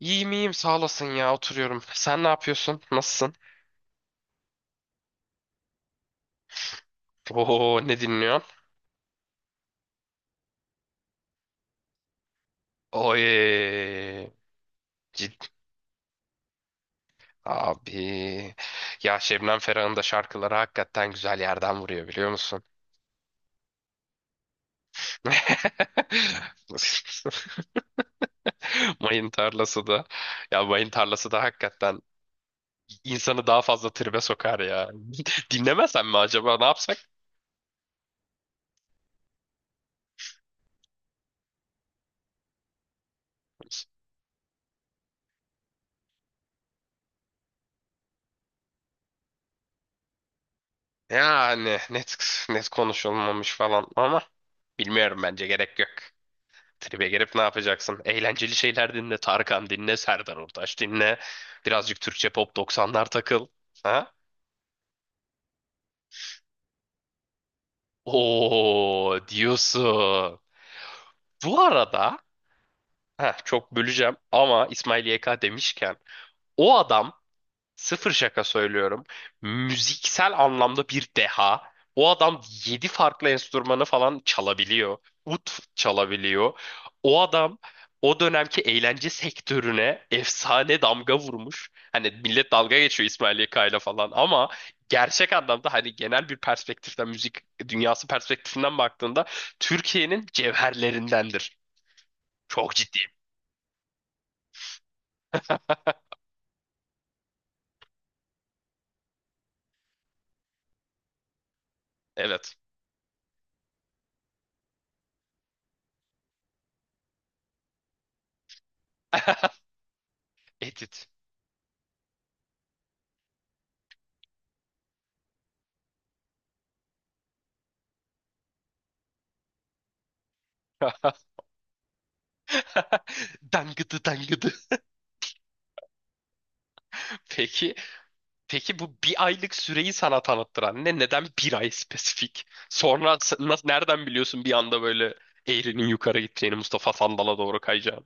İyiyim iyiyim sağ olasın ya, oturuyorum. Sen ne yapıyorsun? Nasılsın? Oo, ne dinliyorsun? Oy, ciddi abi. Ya Şebnem Ferah'ın da şarkıları hakikaten güzel yerden vuruyor, biliyor musun? Mayın tarlası da. Ya mayın tarlası da hakikaten insanı daha fazla tribe sokar ya. Dinlemesen mi acaba, ne yapsak? Yani net net konuşulmamış falan ama bilmiyorum, bence gerek yok. Tribe girip ne yapacaksın? Eğlenceli şeyler dinle. Tarkan dinle. Serdar Ortaç dinle. Birazcık Türkçe pop 90'lar takıl. Ha? Oo, diyorsun. Bu arada heh, çok böleceğim ama İsmail YK demişken o adam, sıfır şaka söylüyorum. Müziksel anlamda bir deha. O adam 7 farklı enstrümanı falan çalabiliyor. Ut çalabiliyor. O adam o dönemki eğlence sektörüne efsane damga vurmuş. Hani millet dalga geçiyor İsmail Yaka'yla falan ama gerçek anlamda hani genel bir perspektiften, müzik dünyası perspektifinden baktığında Türkiye'nin cevherlerindendir. Çok ciddiyim. Evet. Edit. Dangıdı dangıdı. Peki Peki, bu bir aylık süreyi sana tanıttıran ne? Neden bir ay spesifik? Sonra nasıl, nereden biliyorsun bir anda böyle eğrinin yukarı gideceğini, Mustafa Sandal'a doğru kayacağını?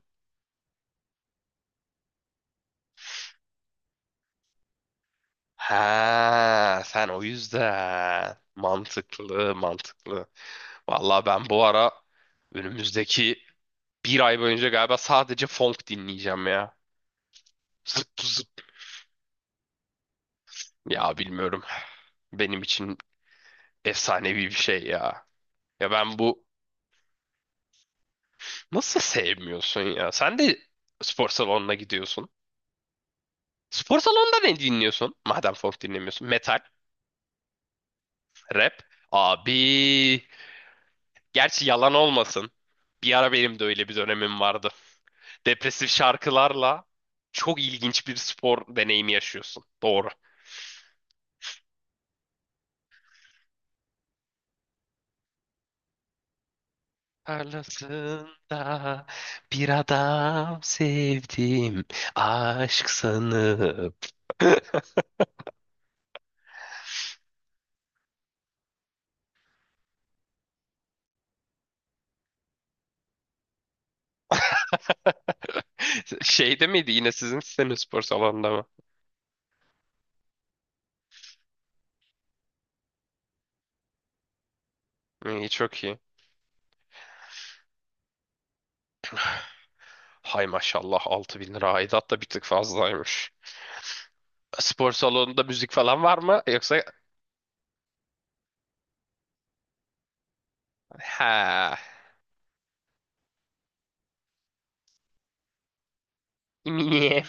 Ha, sen o yüzden. Mantıklı, mantıklı. Vallahi ben bu ara önümüzdeki bir ay boyunca galiba sadece funk dinleyeceğim ya. Zıp zıp. Ya bilmiyorum. Benim için efsanevi bir şey ya. Ya ben bu Nasıl sevmiyorsun ya? Sen de spor salonuna gidiyorsun. Spor salonunda ne dinliyorsun? Madem folk dinlemiyorsun. Metal, rap. Abi. Gerçi yalan olmasın. Bir ara benim de öyle bir dönemim vardı. Depresif şarkılarla çok ilginç bir spor deneyimi yaşıyorsun. Doğru. Tarlasında bir adam sevdim. Aşk sanıp. Şeyde miydi, yine sizin sitenin spor salonunda mı? İyi, çok iyi. Hay maşallah, 6.000 lira aidat da bir tık fazlaymış. Spor salonunda müzik falan var mı? Yoksa ha, niye?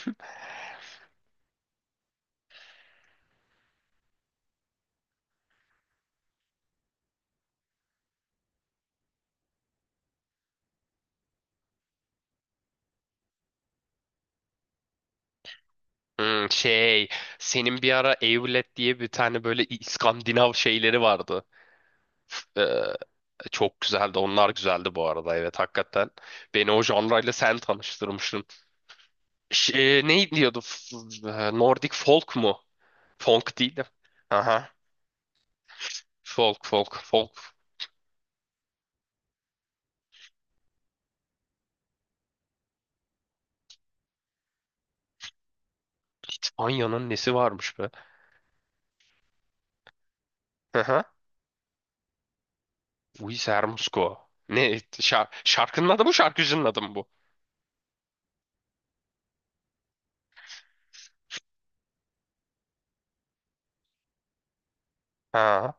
Hmm, şey, senin bir ara Evlet diye bir tane böyle İskandinav şeyleri vardı. F- eee, çok güzeldi. Onlar güzeldi bu arada. Evet, hakikaten. Beni o janrayla sen tanıştırmışsın. Şey, ne diyordu? Nordic folk mu? Folk değil de. Aha. Folk folk folk. İspanya'nın nesi varmış be? Aha. Luis Hermosco. Ne? Şar- şarkının adı mı, şarkıcının adı mı bu? Ha.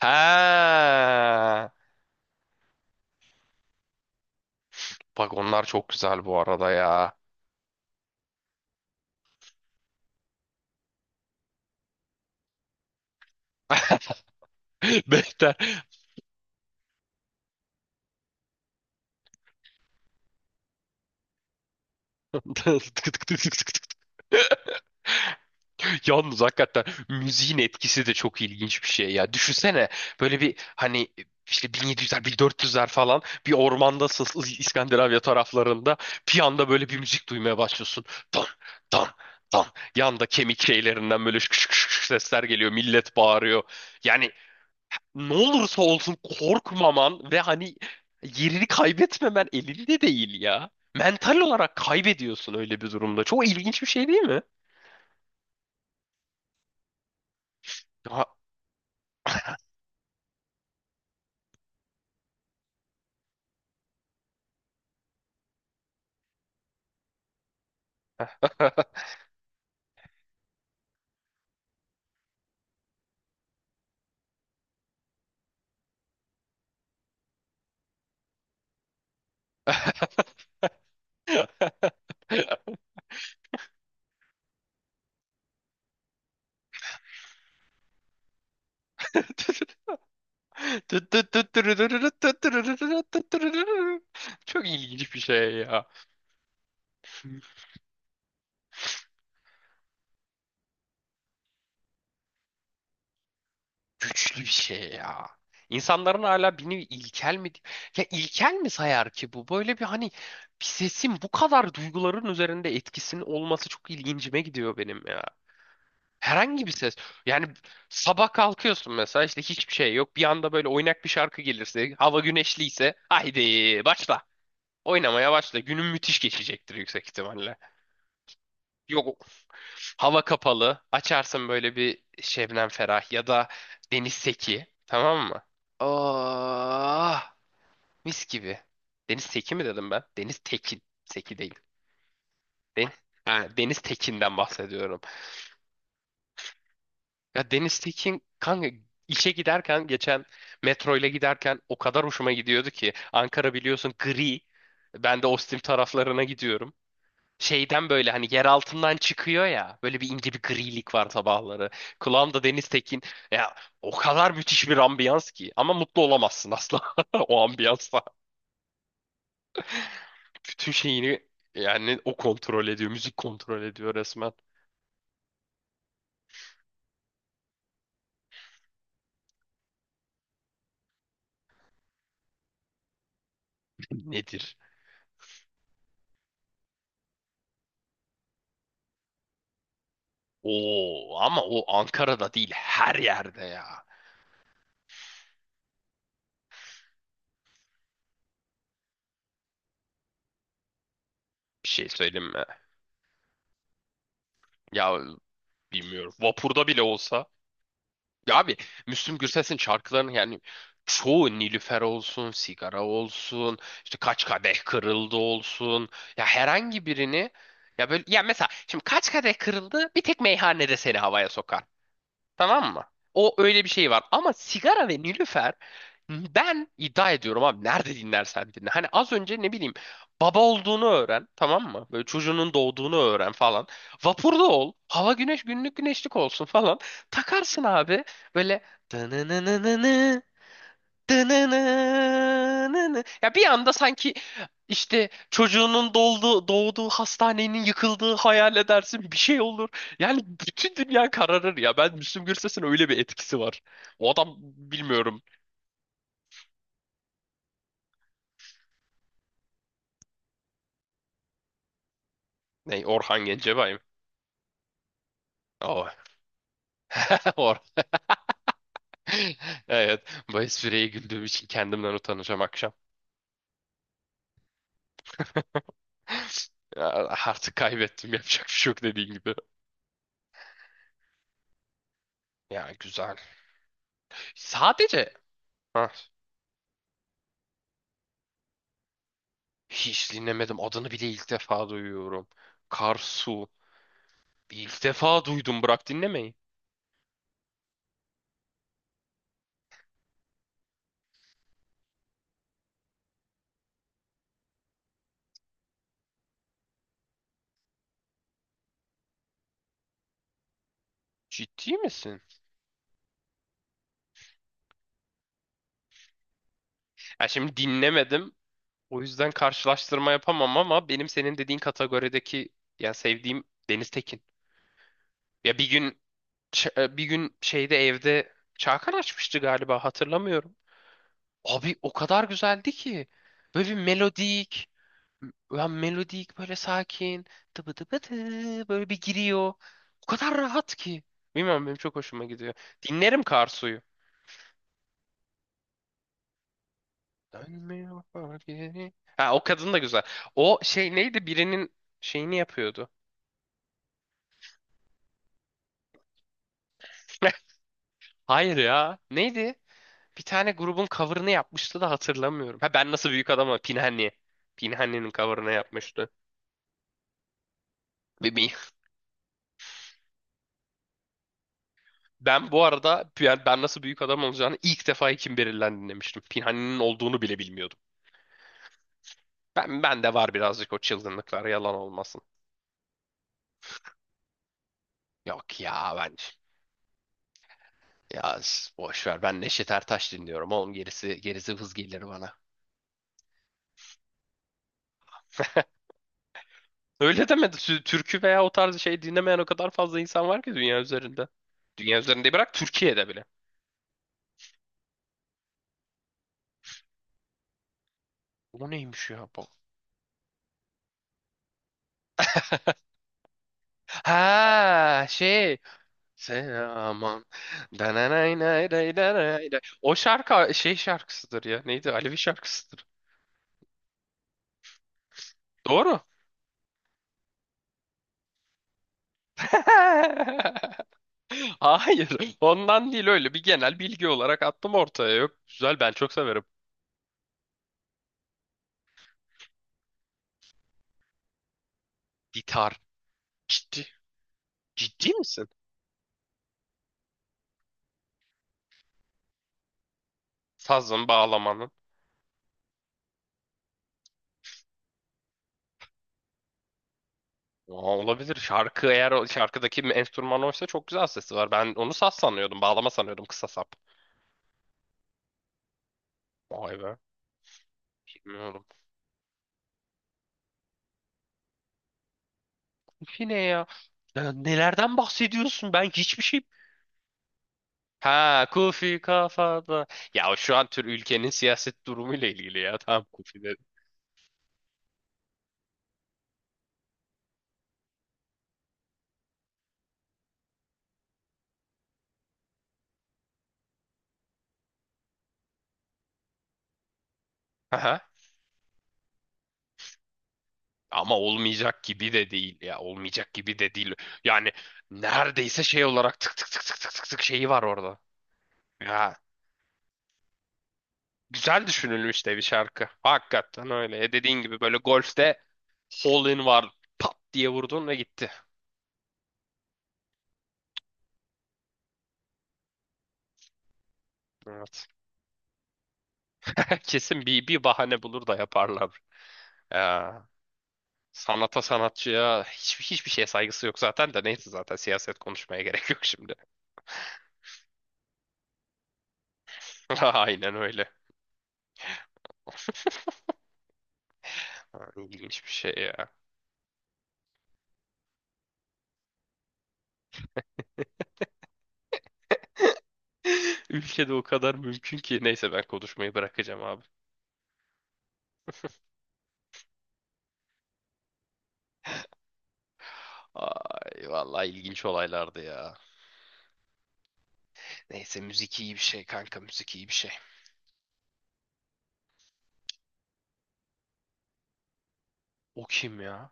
Ha. Bak, onlar çok güzel bu arada ya. Behter. Tık tık tık tık tık tık. Yalnız hakikaten müziğin etkisi de çok ilginç bir şey ya. Düşünsene böyle bir hani işte 1700'ler 1400'ler falan, bir ormandasın, İskandinavya taraflarında bir anda böyle bir müzik duymaya başlıyorsun. Don don don. Yanda kemik şeylerinden böyle şık şık şık şık sesler geliyor. Millet bağırıyor. Yani ne olursa olsun korkmaman ve hani yerini kaybetmemen elinde değil ya. Mental olarak kaybediyorsun öyle bir durumda. Çok ilginç bir şey değil mi? Ha- Çok ilginç bir şey ya. Güçlü bir şey ya. İnsanların hala beni ilkel mi, ya ilkel mi sayar ki bu? Böyle bir hani bir sesin bu kadar duyguların üzerinde etkisinin olması çok ilgincime gidiyor benim ya. Herhangi bir ses. Yani sabah kalkıyorsun mesela, işte hiçbir şey yok. Bir anda böyle oynak bir şarkı gelirse, hava güneşliyse, haydi başla. Oynamaya başla. Günün müthiş geçecektir yüksek ihtimalle. Yok, hava kapalı. Açarsın böyle bir Şebnem Ferah ya da Deniz Seki. Tamam mı? Ah, mis gibi. Deniz Seki mi dedim ben? Deniz Tekin. Seki değil. Den- ha, Deniz Tekin'den bahsediyorum. Ya Deniz Tekin kanka, işe giderken, geçen metroyla giderken o kadar hoşuma gidiyordu ki, Ankara biliyorsun gri. Ben de Ostim taraflarına gidiyorum. Şeyden böyle hani yer altından çıkıyor ya, böyle bir ince bir grilik var sabahları. Kulağımda Deniz Tekin ya, o kadar müthiş bir ambiyans ki, ama mutlu olamazsın asla o ambiyansa. Bütün şeyini, yani o kontrol ediyor, müzik kontrol ediyor resmen. Nedir? Oo, ama o Ankara'da değil, her yerde ya. Bir şey söyleyeyim mi? Ya bilmiyorum. Vapurda bile olsa. Ya abi, Müslüm Gürses'in şarkılarının yani çoğu, Nilüfer olsun, sigara olsun, işte kaç kadeh kırıldı olsun. Ya herhangi birini, ya böyle ya, mesela şimdi kaç kadeh kırıldı bir tek meyhanede seni havaya sokar. Tamam mı? O öyle bir şey var. Ama sigara ve nilüfer, ben iddia ediyorum abi, nerede dinlersen dinle. Hani az önce ne bileyim, baba olduğunu öğren tamam mı? Böyle çocuğunun doğduğunu öğren falan. Vapurda ol. Hava güneş, günlük güneşlik olsun falan. Takarsın abi, böyle Dınınınını. Ya bir anda sanki işte çocuğunun doldu, doğduğu hastanenin yıkıldığı hayal edersin, bir şey olur. Yani bütün dünya kararır ya. Ben, Müslüm Gürses'in öyle bir etkisi var. O adam, bilmiyorum. Ne, Orhan Gencebay mı? Oh. Or. Evet. Bu espriye güldüğüm için kendimden utanacağım akşam. Ya, artık kaybettim, yapacak bir şey yok, dediğin gibi. Ya güzel. Sadece ha. Hiç dinlemedim. Adını bile ilk defa duyuyorum. Karsu. İlk defa duydum. Bırak dinlemeyi. Ciddi misin? Ya şimdi dinlemedim. O yüzden karşılaştırma yapamam, ama benim senin dediğin kategorideki ya sevdiğim Deniz Tekin. Ya bir gün, bir gün şeyde, evde Çağkan açmıştı galiba, hatırlamıyorum. Abi o kadar güzeldi ki. Böyle bir melodik. Ben melodik böyle sakin, tıbı tıbı tı böyle bir giriyor. O kadar rahat ki. Bilmiyorum, benim çok hoşuma gidiyor. Dinlerim Karsu'yu. Dönmüyor bak geri. Ha, o kadın da güzel. O şey neydi, birinin şeyini yapıyordu. Hayır ya. Neydi? Bir tane grubun cover'ını yapmıştı da hatırlamıyorum. Ha, ben nasıl büyük adamım? Pinhani. Pinhani'nin cover'ını yapmıştı. Ve bi- Ben bu arada yani ben nasıl büyük adam olacağını ilk defa Kim Beril'den dinlemiştim. Pinhani'nin olduğunu bile bilmiyordum. Ben de var birazcık o çılgınlıklar, yalan olmasın. Yok ya, ben ya boş ver, ben Neşet Ertaş dinliyorum oğlum, gerisi hız gelir bana. Öyle demedi. Türkü veya o tarz şey dinlemeyen o kadar fazla insan var ki dünya üzerinde. Dünya üzerinde bırak, Türkiye'de bile. O neymiş ya bu? Ha, şey. Sen, aman. Dananay nay day danay day. O şarkı şey şarkısıdır ya. Neydi? Alevi şarkısıdır. Doğru. Hayır, ondan değil, öyle bir genel bilgi olarak attım ortaya. Yok, güzel, ben çok severim. Gitar. Ciddi. Ciddi misin? Sazın, bağlamanın. Aa, olabilir. Şarkı, eğer o şarkıdaki enstrüman oysa, çok güzel sesi var. Ben onu saz sanıyordum, bağlama sanıyordum, kısa sap. Vay be. Bilmiyorum. Kufi ne ya? Ya nelerden bahsediyorsun? Ben hiçbir şey... Ha, Kufi kafada. Ya şu an tür ülkenin siyaset durumuyla ilgili ya. Tamam, Kufi dedim. Ama olmayacak gibi de değil ya. Olmayacak gibi de değil. Yani neredeyse şey olarak tık tık tık tık tık tık tık şeyi var orada. Ya güzel düşünülmüş de bir şarkı. Hakikaten öyle. E dediğin gibi böyle golfte hole in var. Pat diye vurdun ve gitti. Evet. Kesin bir bahane bulur da yaparlar. Ya, sanata sanatçıya hiçbir şeye saygısı yok zaten, de neyse, zaten siyaset konuşmaya gerek yok şimdi. Aynen öyle. Ha, İlginç bir şey ya. Ülkede o kadar mümkün ki. Neyse, ben konuşmayı bırakacağım abi. Ay vallahi ilginç olaylardı ya. Neyse, müzik iyi bir şey kanka, müzik iyi bir şey. O kim ya?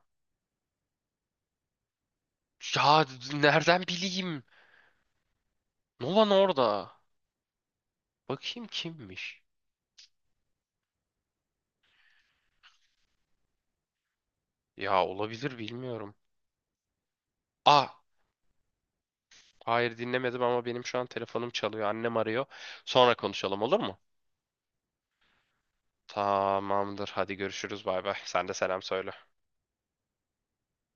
Ya nereden bileyim? Nolan orada. Bakayım kimmiş? Ya olabilir, bilmiyorum. Ah, hayır dinlemedim ama benim şu an telefonum çalıyor. Annem arıyor. Sonra konuşalım, olur mu? Tamamdır. Hadi görüşürüz. Bay bay. Sen de selam söyle.